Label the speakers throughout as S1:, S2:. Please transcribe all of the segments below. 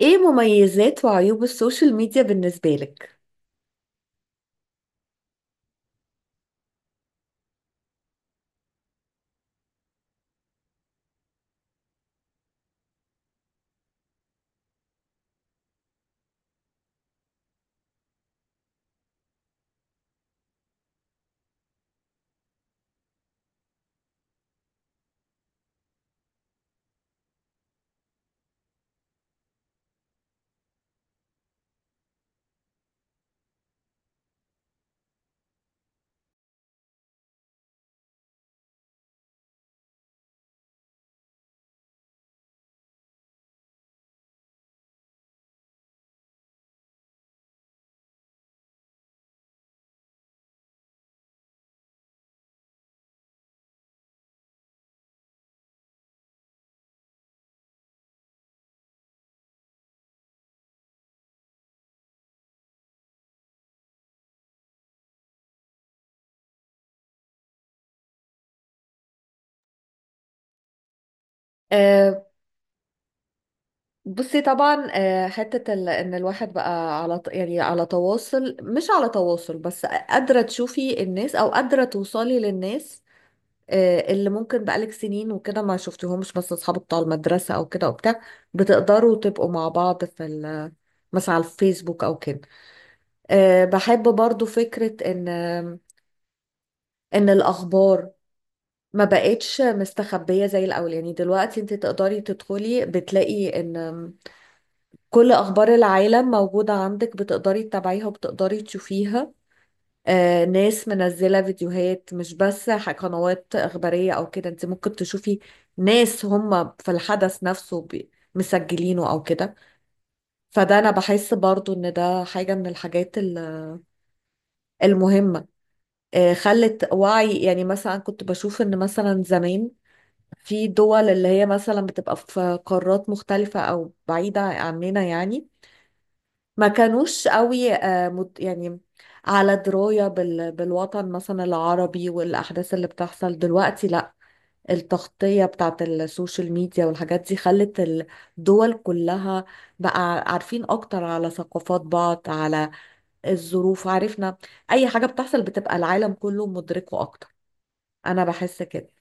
S1: ايه مميزات وعيوب السوشيال ميديا بالنسبة لك؟ أه بصي طبعا، حتة ان الواحد بقى على على تواصل، مش على تواصل بس، قادرة تشوفي الناس او قادرة توصلي للناس، أه اللي ممكن بقالك سنين وكده ما شفتيهمش، بس اصحاب بتوع المدرسة او كده وبتاع، بتقدروا تبقوا مع بعض في مثلا على الفيسبوك او كده. أه بحب برضو فكرة ان الاخبار ما بقتش مستخبية زي الأول. يعني دلوقتي انت تقدري تدخلي بتلاقي ان كل أخبار العالم موجودة عندك، بتقدري تتابعيها وبتقدري تشوفيها. ناس منزلة فيديوهات، مش بس قنوات إخبارية أو كده، انت ممكن تشوفي ناس هم في الحدث نفسه مسجلينه أو كده. فده أنا بحس برضو ان ده حاجة من الحاجات المهمة. خلت وعي، يعني مثلا كنت بشوف ان مثلا زمان في دول اللي هي مثلا بتبقى في قارات مختلفة أو بعيدة عننا، يعني ما كانوش قوي يعني على دراية بالوطن مثلا العربي والأحداث اللي بتحصل دلوقتي. لا، التغطية بتاعت السوشيال ميديا والحاجات دي خلت الدول كلها بقى عارفين أكتر على ثقافات بعض، على الظروف، عرفنا أي حاجة بتحصل بتبقى العالم كله مدركه أكتر. أنا بحس كده.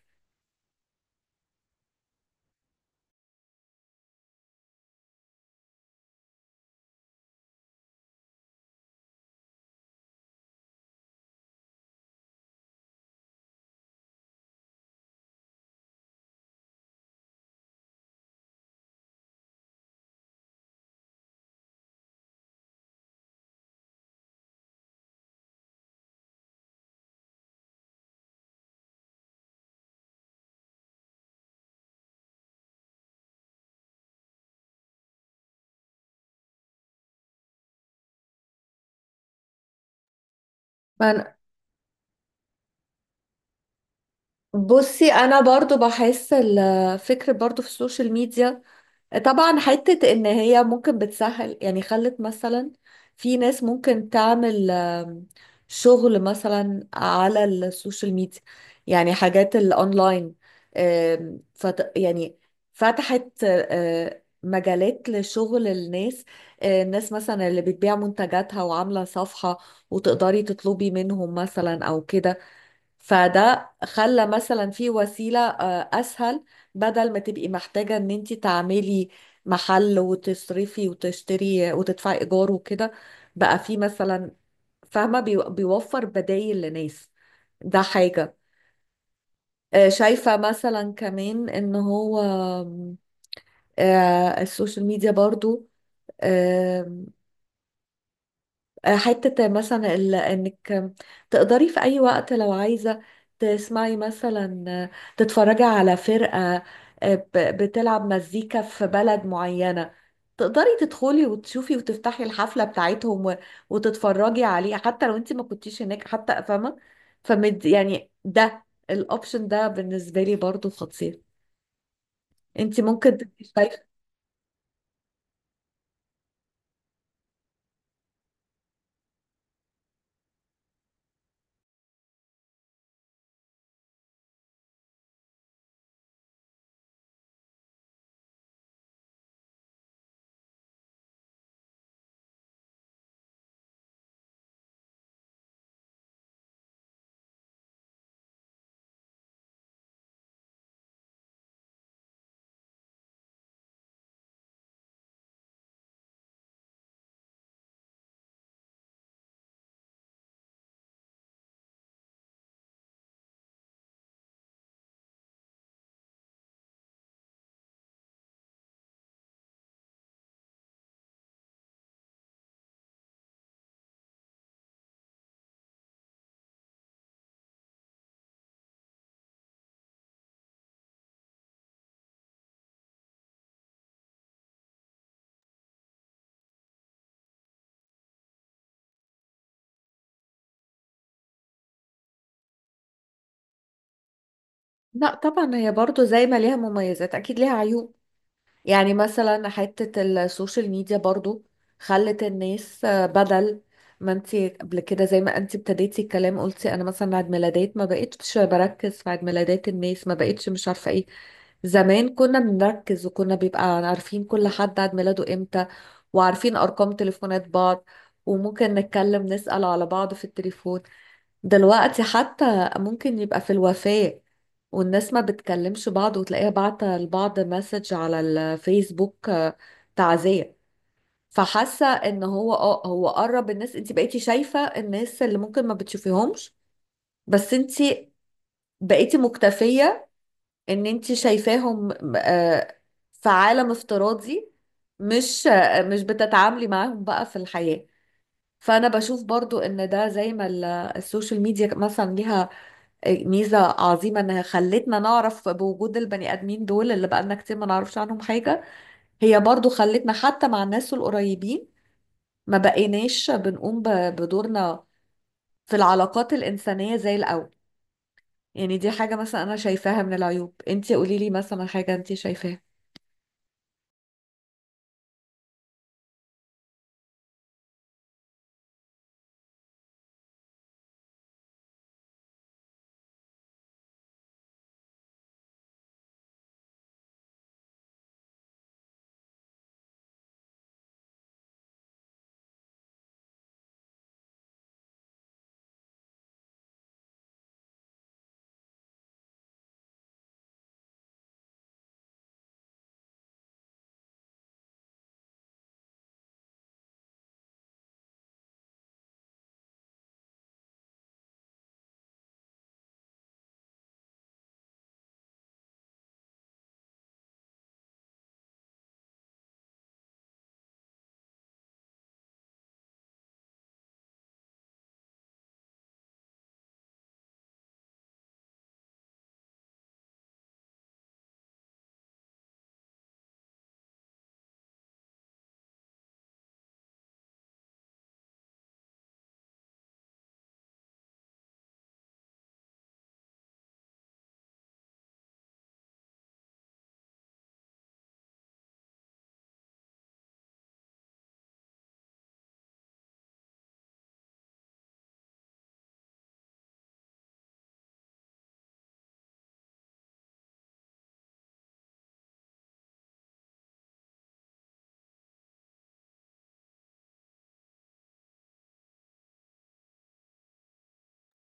S1: بصي انا برضو بحس الفكر برضو في السوشيال ميديا، طبعا حتة ان هي ممكن بتسهل، يعني خلت مثلا في ناس ممكن تعمل شغل مثلا على السوشيال ميديا، يعني حاجات الاونلاين. آم، فت يعني فتحت مجالات لشغل الناس. الناس مثلا اللي بتبيع منتجاتها وعاملة صفحة وتقدري تطلبي منهم مثلا او كده، فده خلى مثلا في وسيلة أسهل. بدل ما تبقي محتاجة إن أنت تعملي محل وتصرفي وتشتري وتدفعي إيجار وكده، بقى في مثلا، فاهمة، بيوفر بدايل لناس. ده حاجة. شايفة مثلا كمان إن هو آم، آه، السوشيال ميديا برضو حتة مثلا انك تقدري في اي وقت لو عايزة تسمعي مثلا، تتفرجي على فرقة بتلعب مزيكا في بلد معينة، تقدري تدخلي وتشوفي وتفتحي الحفلة بتاعتهم وتتفرجي عليه حتى لو انت ما كنتيش هناك، حتى، فاهمة. فمد يعني ده الاوبشن ده بالنسبة لي برضو خطير. انت ممكن تبقي شايفة. لا طبعا، هي برضو زي ما ليها مميزات اكيد ليها عيوب. يعني مثلا حتة السوشيال ميديا برضو خلت الناس، بدل ما انتي قبل كده زي ما انتي ابتديتي الكلام قلتي، انا مثلا عيد ميلادات ما بقتش بركز في عيد ميلادات الناس، ما بقتش مش عارفة ايه. زمان كنا بنركز وكنا بيبقى عارفين كل حد عيد ميلاده امتى، وعارفين ارقام تليفونات بعض، وممكن نتكلم نسأل على بعض في التليفون. دلوقتي حتى ممكن يبقى في الوفاة والناس ما بتكلمش بعض، وتلاقيها بعتة لبعض مسج على الفيسبوك تعزية. فحاسة ان هو اه هو قرب الناس، انت بقيتي شايفة الناس اللي ممكن ما بتشوفيهمش، بس انت بقيتي مكتفية ان انت شايفاهم في عالم افتراضي، مش بتتعاملي معاهم بقى في الحياة. فانا بشوف برضو ان ده، زي ما السوشيال ميديا مثلا ليها ميزة عظيمة انها خلتنا نعرف بوجود البني ادمين دول اللي بقالنا كتير ما نعرفش عنهم حاجة، هي برضو خلتنا حتى مع الناس القريبين ما بقيناش بنقوم بدورنا في العلاقات الإنسانية زي الأول. يعني دي حاجة مثلا أنا شايفاها من العيوب. انتي قولي لي مثلا حاجة انتي شايفاها.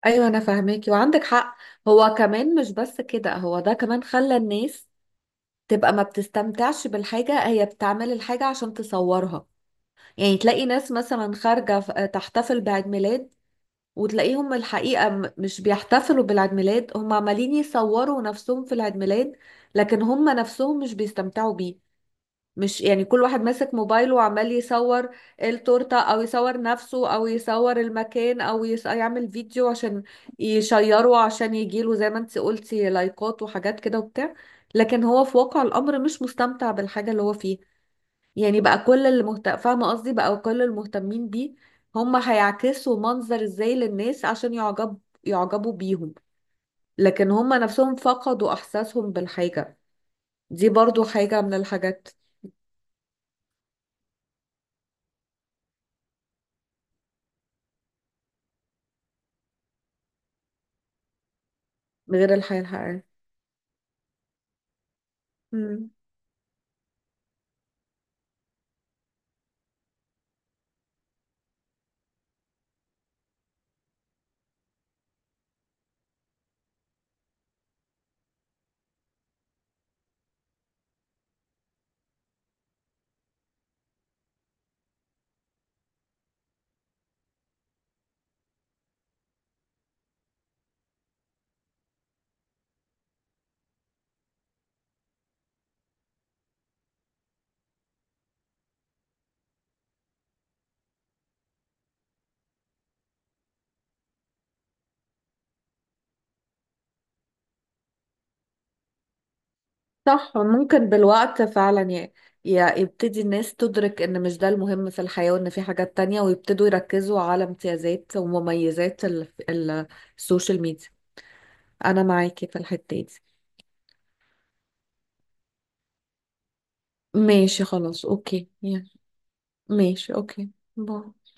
S1: أيوة، أنا فاهماكي وعندك حق. هو كمان مش بس كده، هو ده كمان خلى الناس تبقى ما بتستمتعش بالحاجة، هي بتعمل الحاجة عشان تصورها. يعني تلاقي ناس مثلا خارجة تحتفل بعيد ميلاد، وتلاقيهم الحقيقة مش بيحتفلوا بالعيد ميلاد، هم عمالين يصوروا نفسهم في العيد ميلاد، لكن هم نفسهم مش بيستمتعوا بيه. مش يعني كل واحد ماسك موبايله وعمال يصور التورتة، أو يصور نفسه، أو يصور المكان، يعمل فيديو عشان يشيره، عشان يجيله زي ما انت قلتي لايكات وحاجات كده وبتاع، لكن هو في واقع الأمر مش مستمتع بالحاجة اللي هو فيها. يعني بقى فاهمة قصدي، بقى كل المهتمين بيه هم هيعكسوا منظر ازاي للناس عشان يعجبوا بيهم، لكن هم نفسهم فقدوا احساسهم بالحاجة. دي برضو حاجة من الحاجات غير الحياة الحقيقية. مم. صح، ممكن بالوقت فعلا يبتدي الناس تدرك ان مش ده المهم في الحياة، وان في حاجات تانية، ويبتدوا يركزوا على امتيازات ومميزات السوشيال ميديا. انا معاكي في الحتة دي. ماشي خلاص، اوكي. ماشي، اوكي. باي.